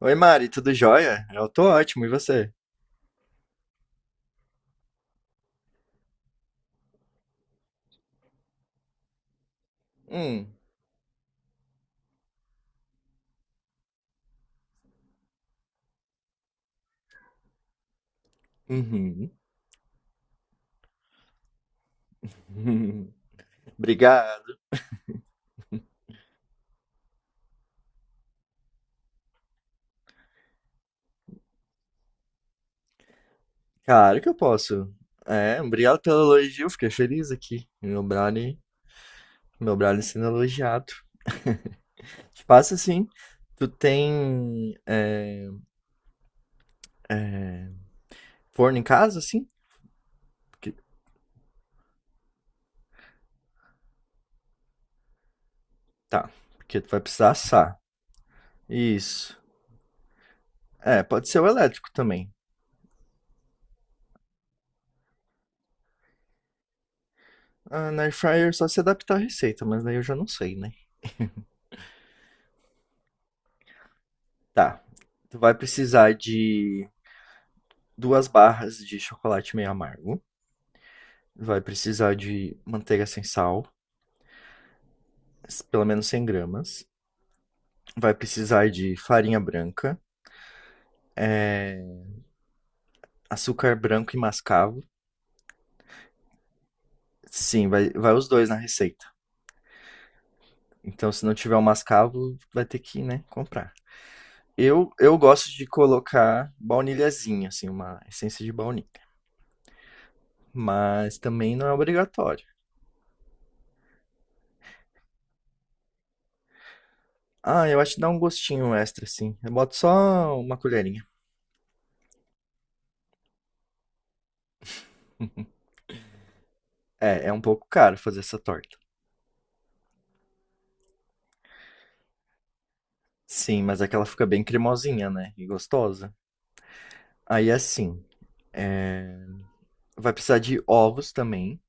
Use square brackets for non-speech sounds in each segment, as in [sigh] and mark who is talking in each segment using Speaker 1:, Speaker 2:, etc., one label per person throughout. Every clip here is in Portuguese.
Speaker 1: Oi, Mari, tudo jóia? Eu tô ótimo, e você? Hum, uhum. [laughs] Obrigado. Claro que eu posso. É, obrigado pelo elogio, fiquei feliz aqui. Meu brownie sendo elogiado. Passa assim, tu tem forno em casa, assim? Porque- tá, porque tu vai precisar assar. Isso. É, pode ser o elétrico também. Ah, na air fryer é só se adaptar à receita, mas daí eu já não sei, né? Tá. Tu vai precisar de duas barras de chocolate meio amargo. Vai precisar de manteiga sem sal, pelo menos 100 gramas. Vai precisar de farinha branca, açúcar branco e mascavo. Sim, vai os dois na receita. Então, se não tiver o mascavo, vai ter que, né, comprar. Eu gosto de colocar baunilhazinha, assim, uma essência de baunilha. Mas também não é obrigatório. Ah, eu acho que dá um gostinho extra, assim. Eu boto só uma colherinha. É, é um pouco caro fazer essa torta. Sim, mas é que ela fica bem cremosinha, né? E gostosa. Aí assim, vai precisar de ovos também.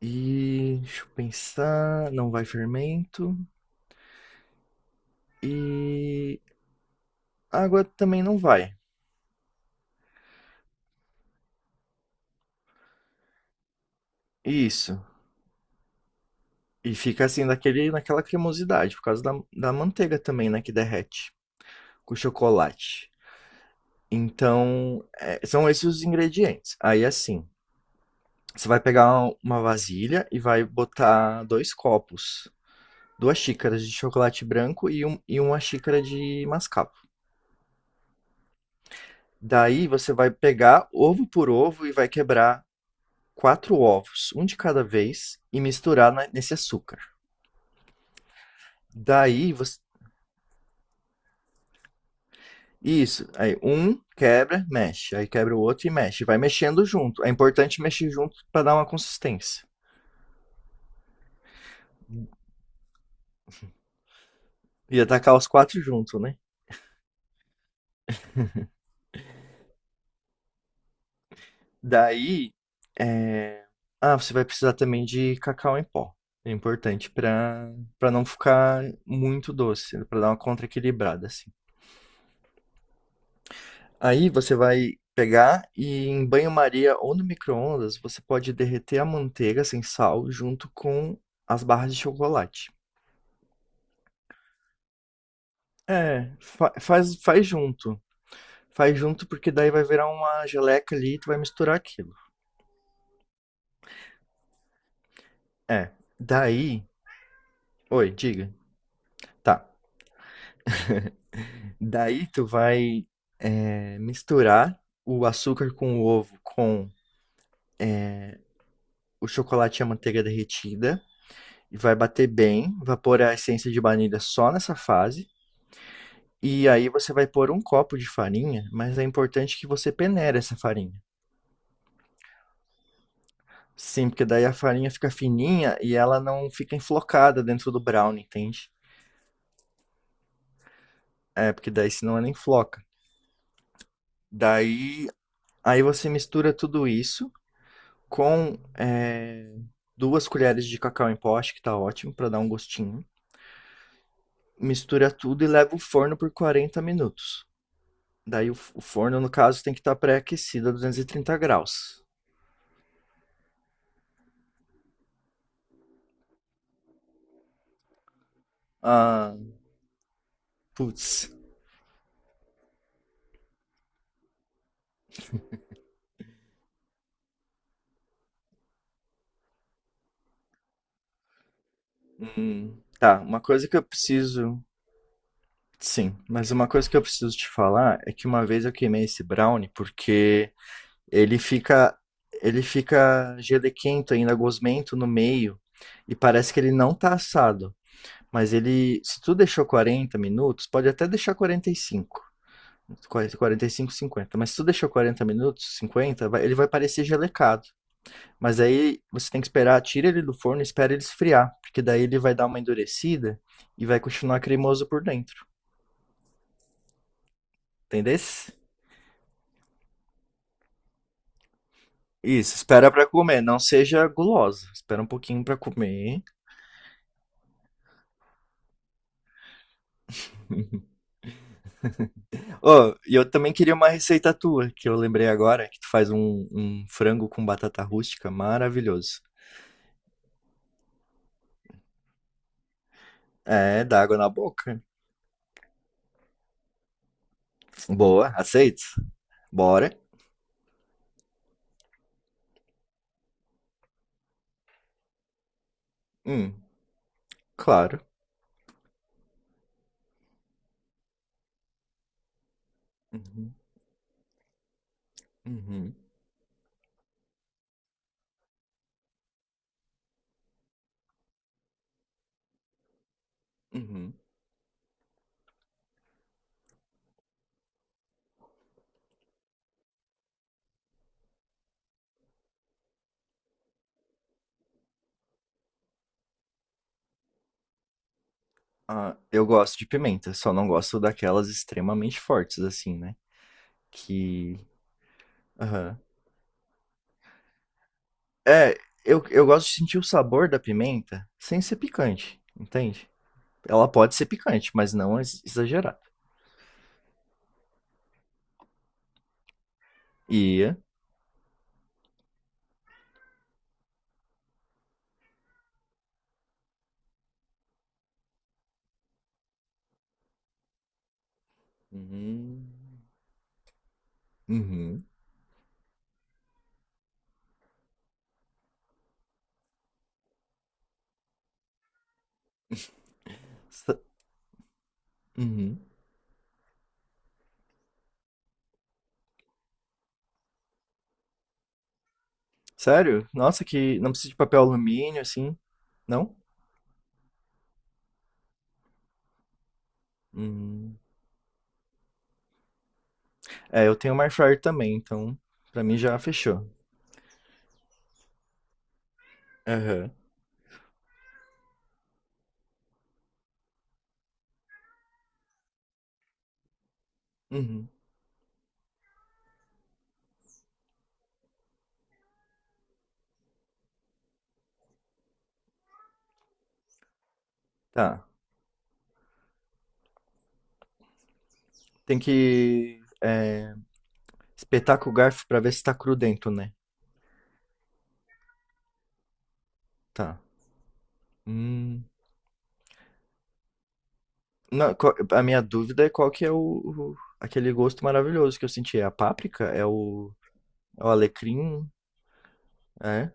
Speaker 1: E deixa eu pensar, não vai fermento e água também não vai. Isso. E fica assim daquele, naquela cremosidade por causa da, da manteiga também, né, que derrete com chocolate. Então, é, são esses os ingredientes. Aí assim, você vai pegar uma vasilha e vai botar dois copos, duas xícaras de chocolate branco e, um, e uma xícara de mascavo. Daí você vai pegar ovo por ovo e vai quebrar quatro ovos, um de cada vez, e misturar nesse açúcar. Daí você. Isso. Aí um quebra, mexe. Aí quebra o outro e mexe. Vai mexendo junto. É importante mexer junto para dar uma consistência. E atacar os quatro junto, né? Daí. é, Ah, você vai precisar também de cacau em pó. É importante para não ficar muito doce, para dar uma contra-equilibrada, assim. Aí você vai pegar e em banho-maria ou no micro-ondas, você pode derreter a manteiga sem sal junto com as barras de chocolate. É, faz junto. Faz junto porque daí vai virar uma geleca ali e tu vai misturar aquilo. É, daí... Oi, diga. Tá. Daí tu vai misturar o açúcar com o ovo com o chocolate e a manteiga derretida. E vai bater bem, vai pôr a essência de baunilha só nessa fase. E aí você vai pôr um copo de farinha, mas é importante que você peneire essa farinha. Sim, porque daí a farinha fica fininha e ela não fica enflocada dentro do brownie, entende? É, porque daí senão ela enfloca. Daí, aí você mistura tudo isso com duas colheres de cacau em pó, acho que tá ótimo pra dar um gostinho. Mistura tudo e leva o forno por 40 minutos. Daí o forno, no caso, tem que estar pré-aquecido a 230 graus. Ah, putz. Tá, uma coisa que eu preciso. Sim, mas uma coisa que eu preciso te falar é que uma vez eu queimei esse brownie porque ele fica ele fica gelequento ainda, gosmento no meio e parece que ele não tá assado. Mas ele, se tu deixou 40 minutos, pode até deixar 45, 45, 50 mas se tu deixou 40 minutos, 50 ele vai parecer gelecado. Mas aí você tem que esperar, tira ele do forno e espera ele esfriar, porque daí ele vai dar uma endurecida e vai continuar cremoso por dentro, entendesse? Isso, espera pra comer, não seja guloso, espera um pouquinho pra comer. Oh, e eu também queria uma receita tua, que eu lembrei agora, que tu faz um frango com batata rústica maravilhoso. É, dá água na boca. Boa, aceito? Bora. Hum, claro. Uhum, uhum, uhum. Ah, eu gosto de pimenta, só não gosto daquelas extremamente fortes, assim, né? Que. Aham. É, eu gosto de sentir o sabor da pimenta sem ser picante, entende? Ela pode ser picante, mas não exagerada. E. Uhum. Uhum. S- uhum. Sério? Nossa, que. Não precisa de papel alumínio, assim. Não? Hum. É, eu tenho uma air fryer também, então pra mim já fechou. Aham. Uhum. Tá. Tem que. Espetaca o garfo pra ver se tá cru dentro, né? Tá. Hum. Não, a minha dúvida é qual que é o aquele gosto maravilhoso que eu senti. É a páprica? É o, é o alecrim? É?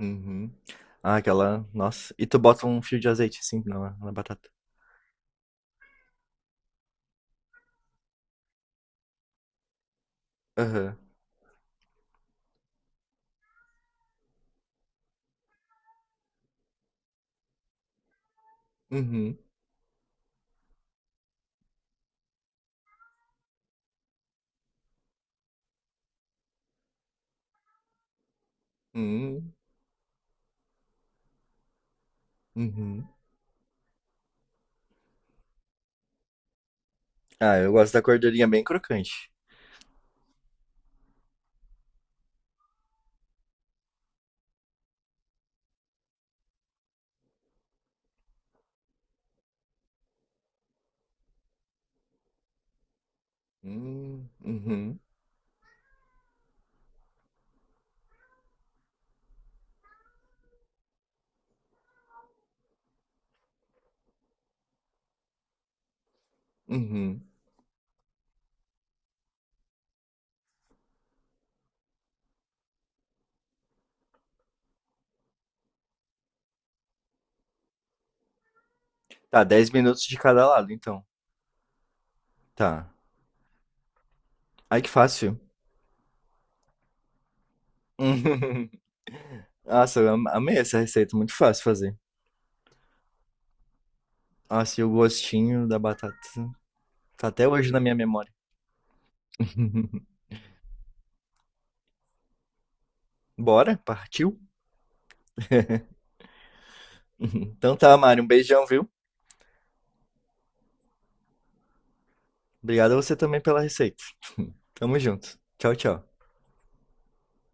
Speaker 1: Uhum. Ah, aquela. Nossa. E tu bota um fio de azeite assim na batata. Aham. Uhum. Uhum. Uhum. Ah, eu gosto da gordurinha bem crocante. Hum. Uhum. Uhum. Tá, 10 minutos de cada lado, então. Tá. Ai, que fácil. [laughs] Nossa, eu amei essa receita, muito fácil de fazer. Nossa, e o gostinho da batata tá até hoje na minha memória. [laughs] Bora, partiu? Então tá, Mário, um beijão, viu? Obrigado a você também pela receita. Tamo junto. Tchau, tchau.